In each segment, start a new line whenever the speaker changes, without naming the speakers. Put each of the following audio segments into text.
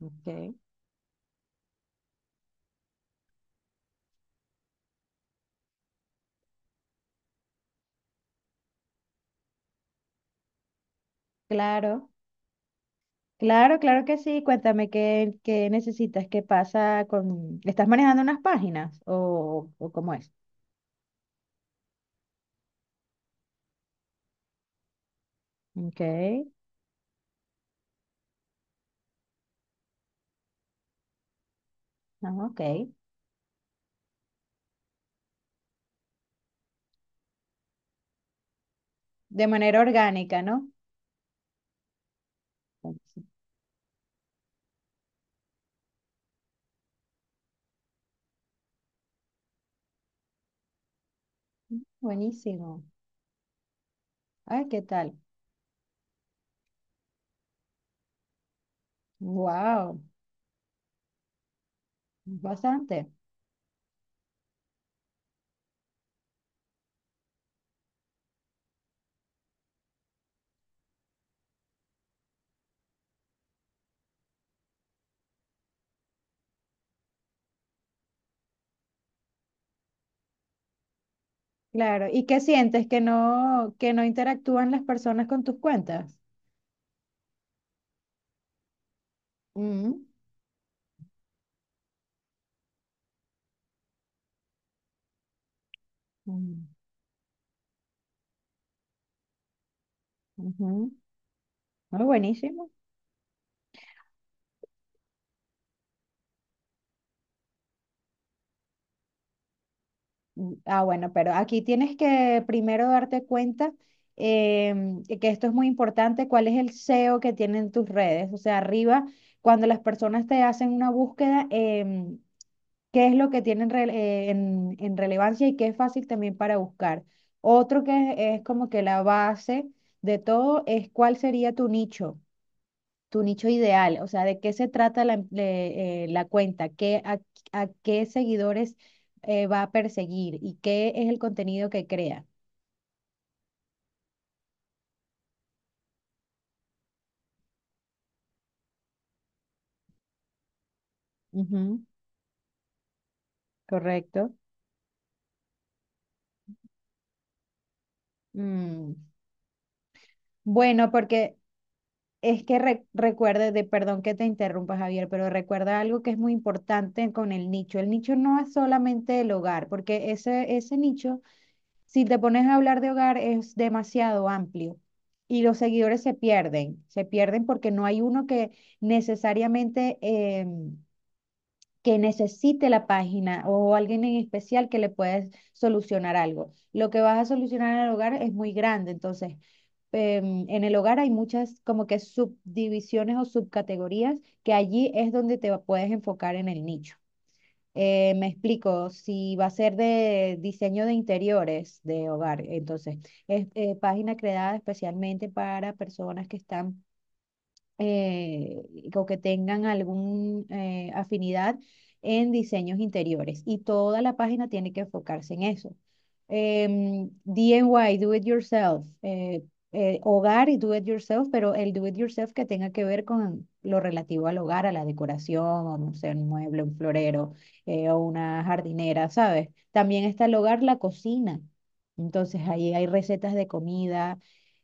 Ok. Claro, claro, claro que sí. Cuéntame qué necesitas, qué pasa con... ¿Estás manejando unas páginas o cómo es? Ok, ah, ok. De manera orgánica, ¿no? Buenísimo. Buenísimo. Ay, ¿qué tal? Wow, bastante. Claro. ¿Y qué sientes? ¿Que no interactúan las personas con tus cuentas? Mm, mm, ujú. Muy buenísimo. Mm, ah, bueno, pero aquí tienes que primero darte cuenta, que esto es muy importante, cuál es el SEO que tienen tus redes. O sea, arriba, cuando las personas te hacen una búsqueda, qué es lo que tienen en relevancia y qué es fácil también para buscar. Otro que es como que la base de todo es cuál sería tu nicho ideal, o sea, de qué se trata la cuenta, qué, a qué seguidores va a perseguir y qué es el contenido que crea. Ujú, correcto. Mm, bueno, porque es que recuerde, de, perdón que te interrumpa, Javier, pero recuerda algo que es muy importante con el nicho. El nicho no es solamente el hogar, porque ese nicho. Si te pones a hablar de hogar es demasiado amplio y los seguidores se pierden porque no hay uno que necesariamente que necesite la página o alguien en especial que le puedas solucionar algo. Lo que vas a solucionar en el hogar es muy grande, entonces, en el hogar hay muchas como que subdivisiones o subcategorías que allí es donde te puedes enfocar en el nicho. Me explico, si va a ser de diseño de interiores de hogar, entonces es, página creada especialmente para personas que están eh, o que tengan alguna afinidad en diseños interiores. Y toda la página tiene que enfocarse en eso. DIY, do it yourself, hogar y do it yourself, pero el do it yourself que tenga que ver con lo relativo al hogar, a la decoración, o no sé, un mueble, un florero, o una jardinera, ¿sabes? También está el hogar, la cocina. Entonces ahí hay recetas de comida,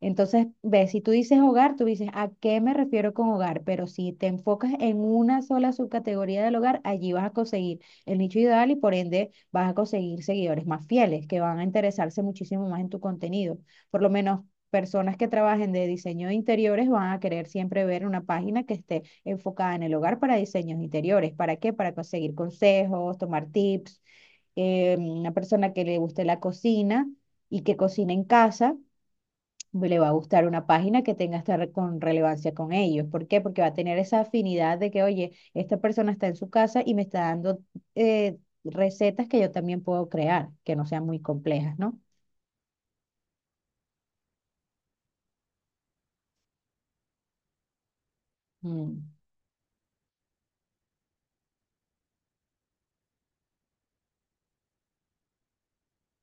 entonces, ves, si tú dices hogar, tú dices, ¿a qué me refiero con hogar? Pero si te enfocas en una sola subcategoría del hogar, allí vas a conseguir el nicho ideal y por ende vas a conseguir seguidores más fieles que van a interesarse muchísimo más en tu contenido. Por lo menos personas que trabajen de diseño de interiores van a querer siempre ver una página que esté enfocada en el hogar para diseños interiores. ¿Para qué? Para conseguir consejos, tomar tips, una persona que le guste la cocina y que cocine en casa le va a gustar una página que tenga esta con relevancia con ellos. ¿Por qué? Porque va a tener esa afinidad de que, oye, esta persona está en su casa y me está dando, recetas que yo también puedo crear, que no sean muy complejas, ¿no? Mm.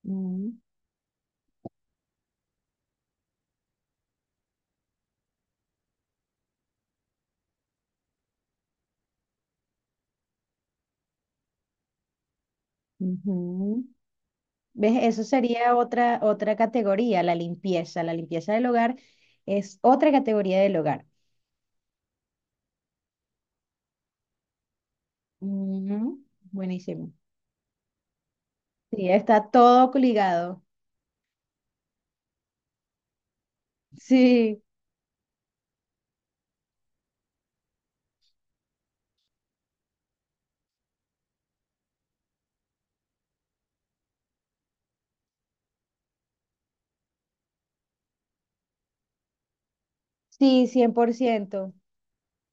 Mm, ujú. ¿Ves? Eso sería otra categoría, la limpieza. La limpieza del hogar es otra categoría del hogar. Ujú, buenísimo. Sí, está todo ligado. Sí, sí, cien por ciento,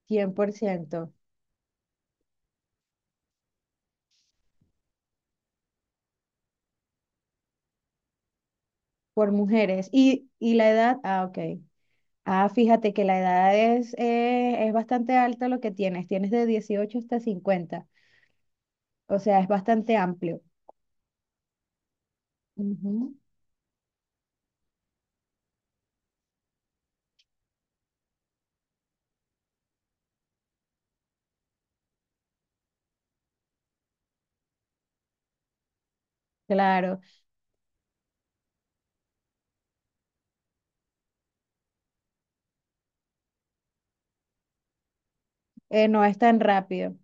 cien por ciento por mujeres. Y la edad? Ah, ok. Ah, fíjate que la edad es bastante alta lo que tienes. Tienes de 18 hasta 50. O sea, es bastante amplio. Ujú, claro, no es tan rápido.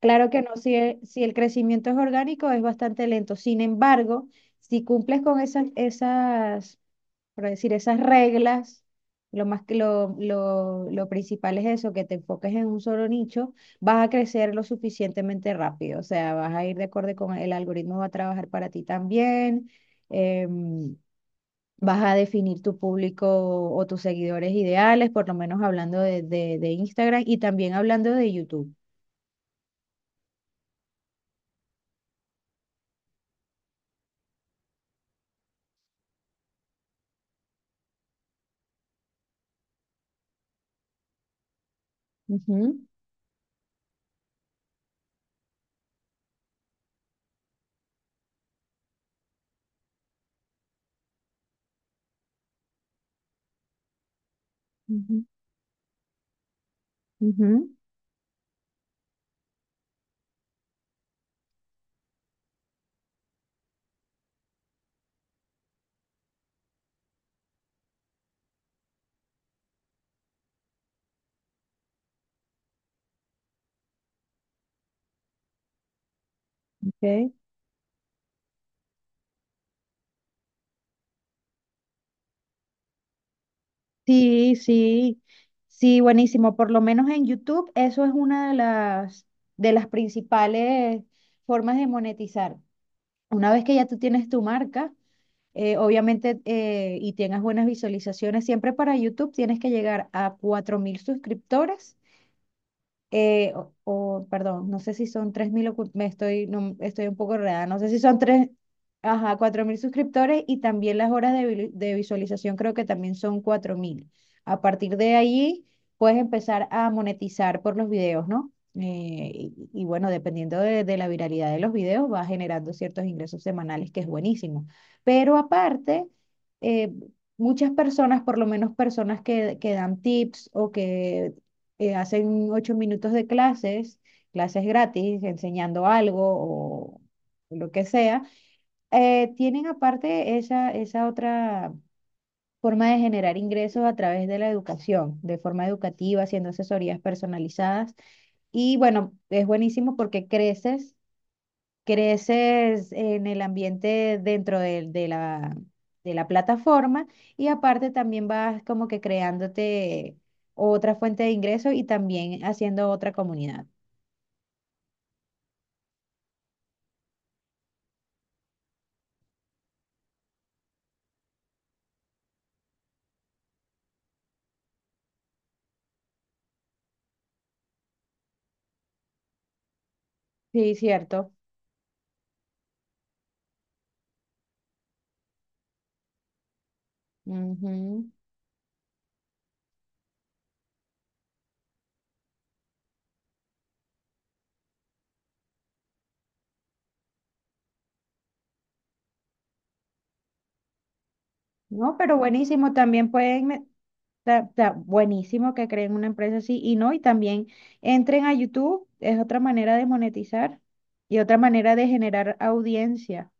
Claro que no, si el, si el crecimiento es orgánico, es bastante lento. Sin embargo, si cumples con esas por decir, esas reglas, lo más que lo principal es eso, que te enfoques en un solo nicho, vas a crecer lo suficientemente rápido, o sea, vas a ir de acuerdo con el algoritmo, va a trabajar para ti también, em, vas a definir tu público o tus seguidores ideales, por lo menos hablando de Instagram y también hablando de YouTube. Ujú, ujú, ujú, ok. Sí, sí, sí, buenísimo. Por lo menos en YouTube, eso es una de las principales formas de monetizar. Una vez que ya tú tienes tu marca, obviamente, y tengas buenas visualizaciones, siempre para YouTube tienes que llegar a 4.000 suscriptores, perdón, no sé si son 3.000, me estoy, no, estoy un poco enredada, no sé si son tres, ajá, 4.000 suscriptores y también las horas de, de visualización creo que también son 4.000. A partir de ahí puedes empezar a monetizar por los videos, ¿no? Bueno, dependiendo de la viralidad de los videos, va generando ciertos ingresos semanales, que es buenísimo. Pero aparte, eh, muchas personas, por lo menos personas que dan tips o que hacen 8 minutos de clases, clases gratis, enseñando algo o lo que sea. Tienen aparte esa otra forma de generar ingresos a través de la educación, de forma educativa, haciendo asesorías personalizadas. Y bueno, es buenísimo porque creces en el ambiente dentro de la plataforma y aparte también vas como que creándote otra fuente de ingreso y también haciendo otra comunidad. Sí, cierto. Ujú. No, pero buenísimo, también pueden, buenísimo que creen una empresa así y no, y también entren a YouTube, es otra manera de monetizar y otra manera de generar audiencia.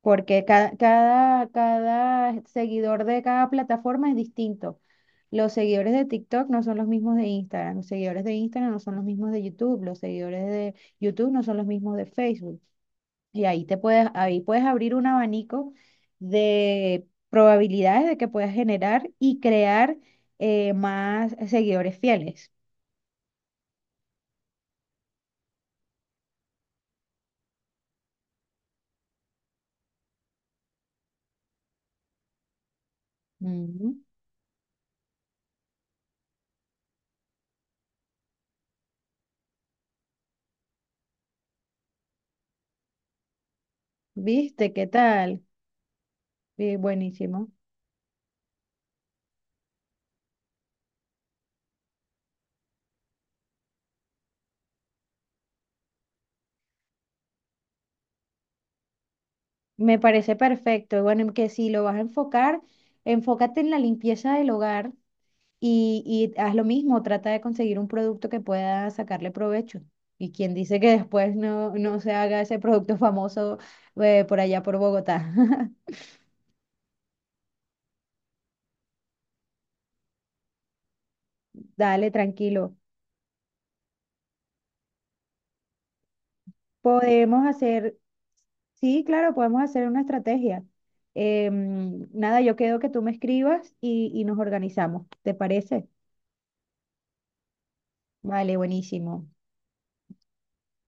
Porque cada seguidor de cada plataforma es distinto. Los seguidores de TikTok no son los mismos de Instagram, los seguidores de Instagram no son los mismos de YouTube, los seguidores de YouTube no son los mismos de Facebook. Y ahí te puedes, ahí puedes abrir un abanico de probabilidades de que puedas generar y crear, más seguidores fieles. Ujú. ¿Viste? ¿Qué tal? Buenísimo. Me parece perfecto. Y bueno, que si lo vas a enfocar, enfócate en la limpieza del hogar y haz lo mismo, trata de conseguir un producto que pueda sacarle provecho. Y quien dice que después no, no se haga ese producto famoso, por allá por Bogotá. Dale, tranquilo. Podemos hacer, sí, claro, podemos hacer una estrategia. Nada, yo quedo que tú me escribas y nos organizamos. ¿Te parece? Vale, buenísimo.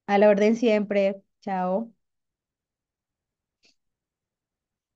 A la orden siempre. Chao.